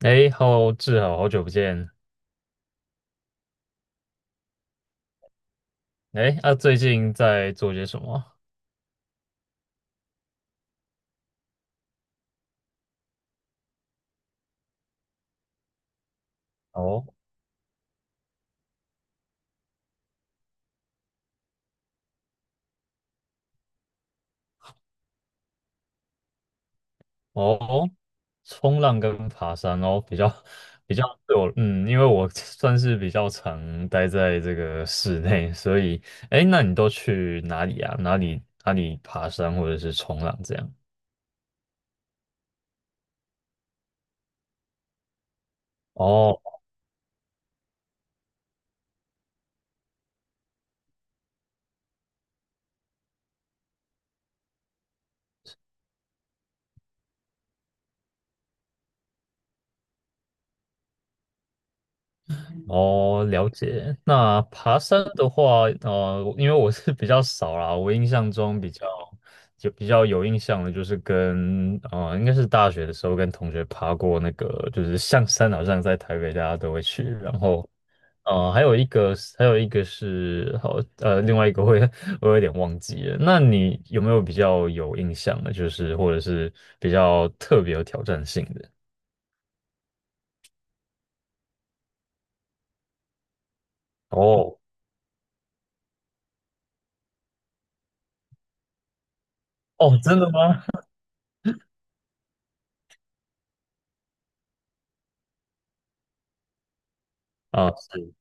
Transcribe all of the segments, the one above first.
哎，Hello，志豪，好久不见。哎，最近在做些什么？哦哦，冲浪跟爬山哦，比较对我，嗯，因为我 算是比较常待在这个室内，所以，哎，那你都去哪里啊？哪里爬山或者是冲浪这样？哦。哦，了解。那爬山的话，因为我是比较少啦，我印象中比较有印象的，就是跟应该是大学的时候跟同学爬过那个，就是象山，好像在台北大家都会去。然后还有一个是，另外一个会 我有点忘记了。那你有没有比较有印象的，就是或者是比较特别有挑战性的？哦哦，真的吗？啊，是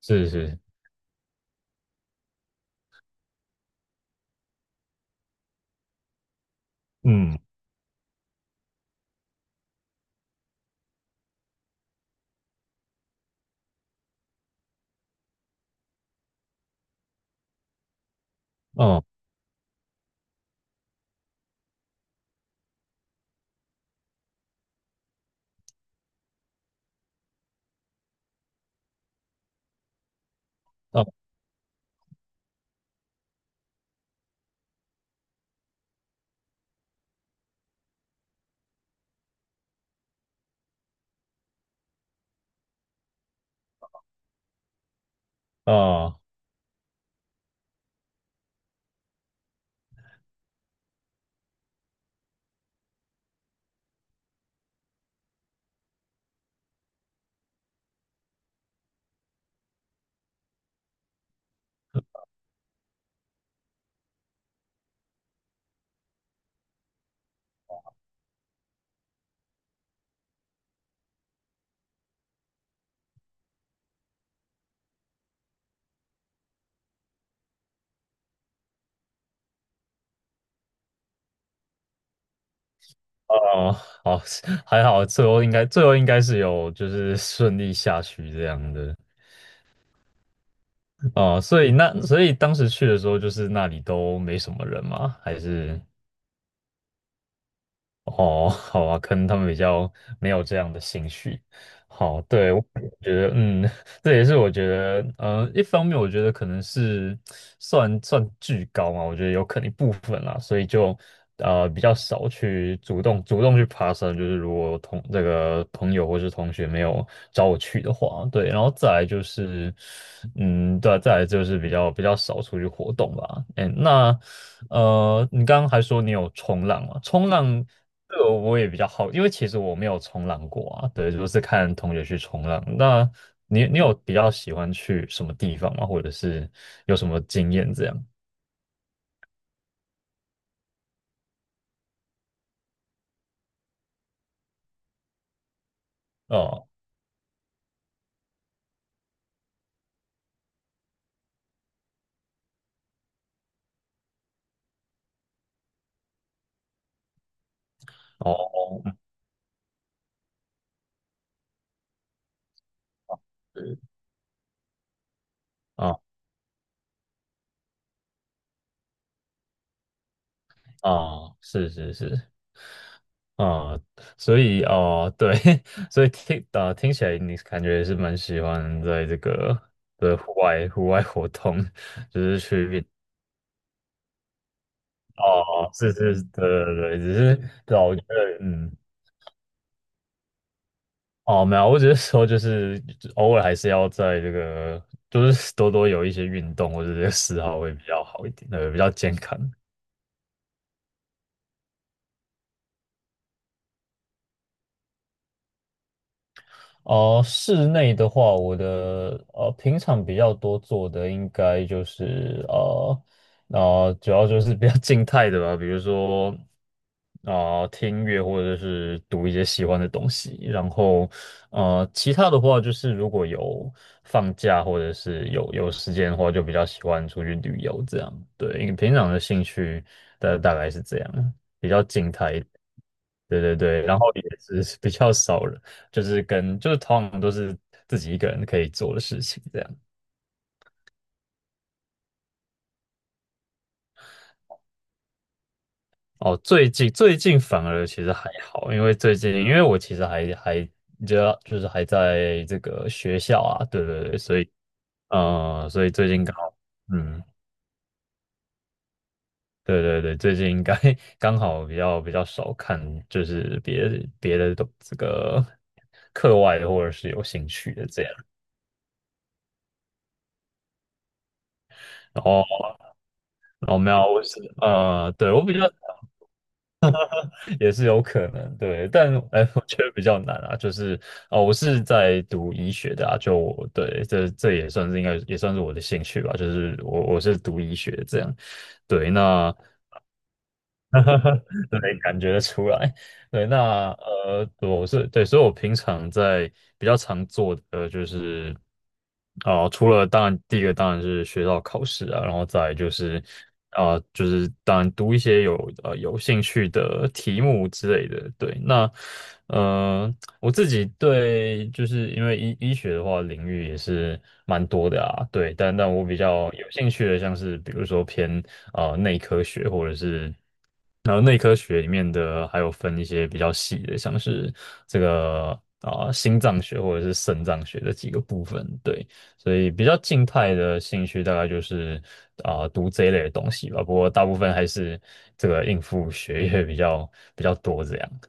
是是，嗯。哦哦哦哦，好，还好，最后应该是有就是顺利下去这样的。哦、所以当时去的时候，就是那里都没什么人吗？还是？哦，好啊，可能他们比较没有这样的兴趣。好，对，我觉得，嗯，这也是我觉得，嗯，一方面我觉得可能是算巨高嘛，我觉得有可能一部分啦，所以就比较少去主动去爬山，就是如果同这个朋友或是同学没有找我去的话，对，然后再来就是，嗯，对啊，再来就是比较少出去活动吧。哎，那你刚刚还说你有冲浪啊，冲浪。这个我也比较好，因为其实我没有冲浪过啊，对，就是看同学去冲浪。那你有比较喜欢去什么地方吗？或者是有什么经验这样？哦哦哦嗯啊啊，是是是啊，所以啊，对，所以听起来你感觉是蛮喜欢在这个的户外活动，就是去啊，哦是是，对对对，只是对啊我觉得嗯。哦，没有，我只是说，就是偶尔还是要在这个，就是有一些运动或者这个嗜好会比较好一点，比较健康。哦，室内的话，我的平常比较多做的应该就是主要就是比较静态的吧，比如说听音乐或者是读一些喜欢的东西，然后其他的话就是如果有放假或者是有时间的话，就比较喜欢出去旅游这样。对，因为平常的兴趣大概是这样，比较静态一点对对对，然后也是比较少人。就是跟就是通常都是自己一个人可以做的事情这样。哦，最近反而其实还好，因为最近因为我其实就是还在这个学校啊，对对对，所以所以最近刚好嗯。对对对，最近应该 刚好比较少看，就是别的都这个课外的或者是有兴趣的这样。然后然后没有，我是对我比较也是有可能，对，但哎，我觉得比较难啊，就是哦，我是在读医学的啊，就我对，这也算是我的兴趣吧，就是我是读医学这样，对，那 对，感觉得出来。对，那我是对，所以我平常在比较常做的就是，啊、除了当然第一个当然是学校考试啊，然后再来就是啊、就是当然读一些有有兴趣的题目之类的。对，那我自己对就是因为医学的话领域也是蛮多的啊，对，但我比较有兴趣的像是比如说偏啊内科学或者是。然后内科学里面的还有分一些比较细的，像是这个啊、心脏学或者是肾脏学的几个部分，对，所以比较静态的兴趣大概就是啊、读这一类的东西吧，不过大部分还是这个应付学业比较多这样。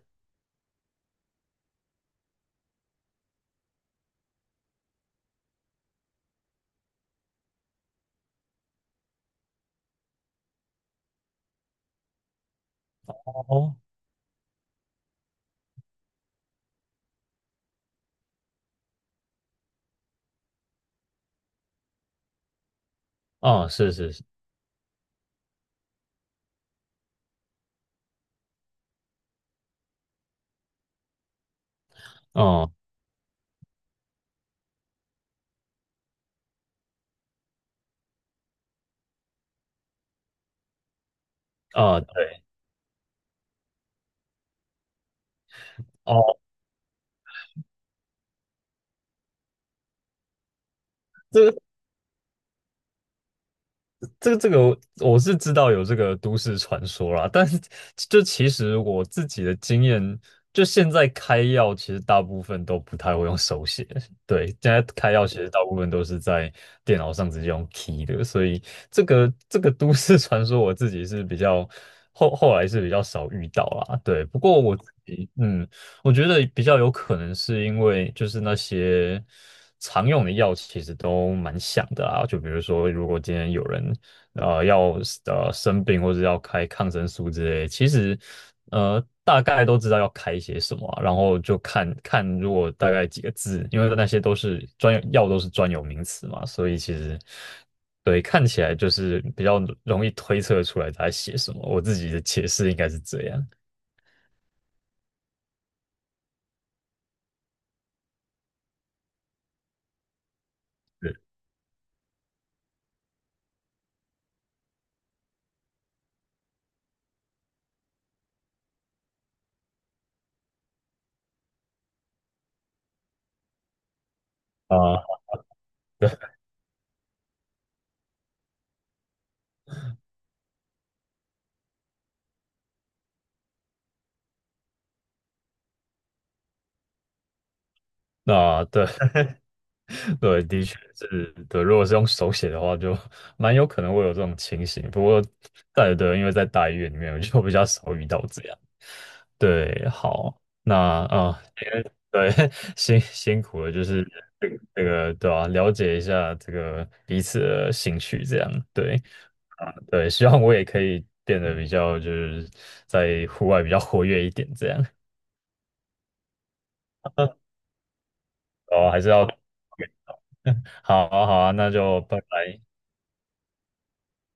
哦，哦，是是是，哦，哦，对，哦，这个。这个我我是知道有这个都市传说啦，但是就其实我自己的经验，就现在开药其实大部分都不太会用手写，对，现在开药其实大部分都是在电脑上直接用 key 的，所以这个都市传说我自己是比较后来是比较少遇到啦，对，不过我自己嗯。我觉得比较有可能是因为就是那些常用的药其实都蛮像的啊，就比如说，如果今天有人呃要呃生病或者要开抗生素之类的其实呃大概都知道要开些什么啊然后就看看如果大概几个字，因为那些都是专有药都是专有名词嘛，所以其实对看起来就是比较容易推测出来他在写什么。我自己的解释应该是这样。是啊，那对 对，的确是对。如果是用手写的话，就蛮有可能会有这种情形。不过，对对，因为在大医院里面，我就比较少遇到这样。对，好，那啊、对，辛苦了，就是这个对吧、了解一下这个彼此的兴趣，这样对。啊，对，希望我也可以变得比较，就是在户外比较活跃一点，这样。哦，还是要，好啊，好啊，那就拜拜。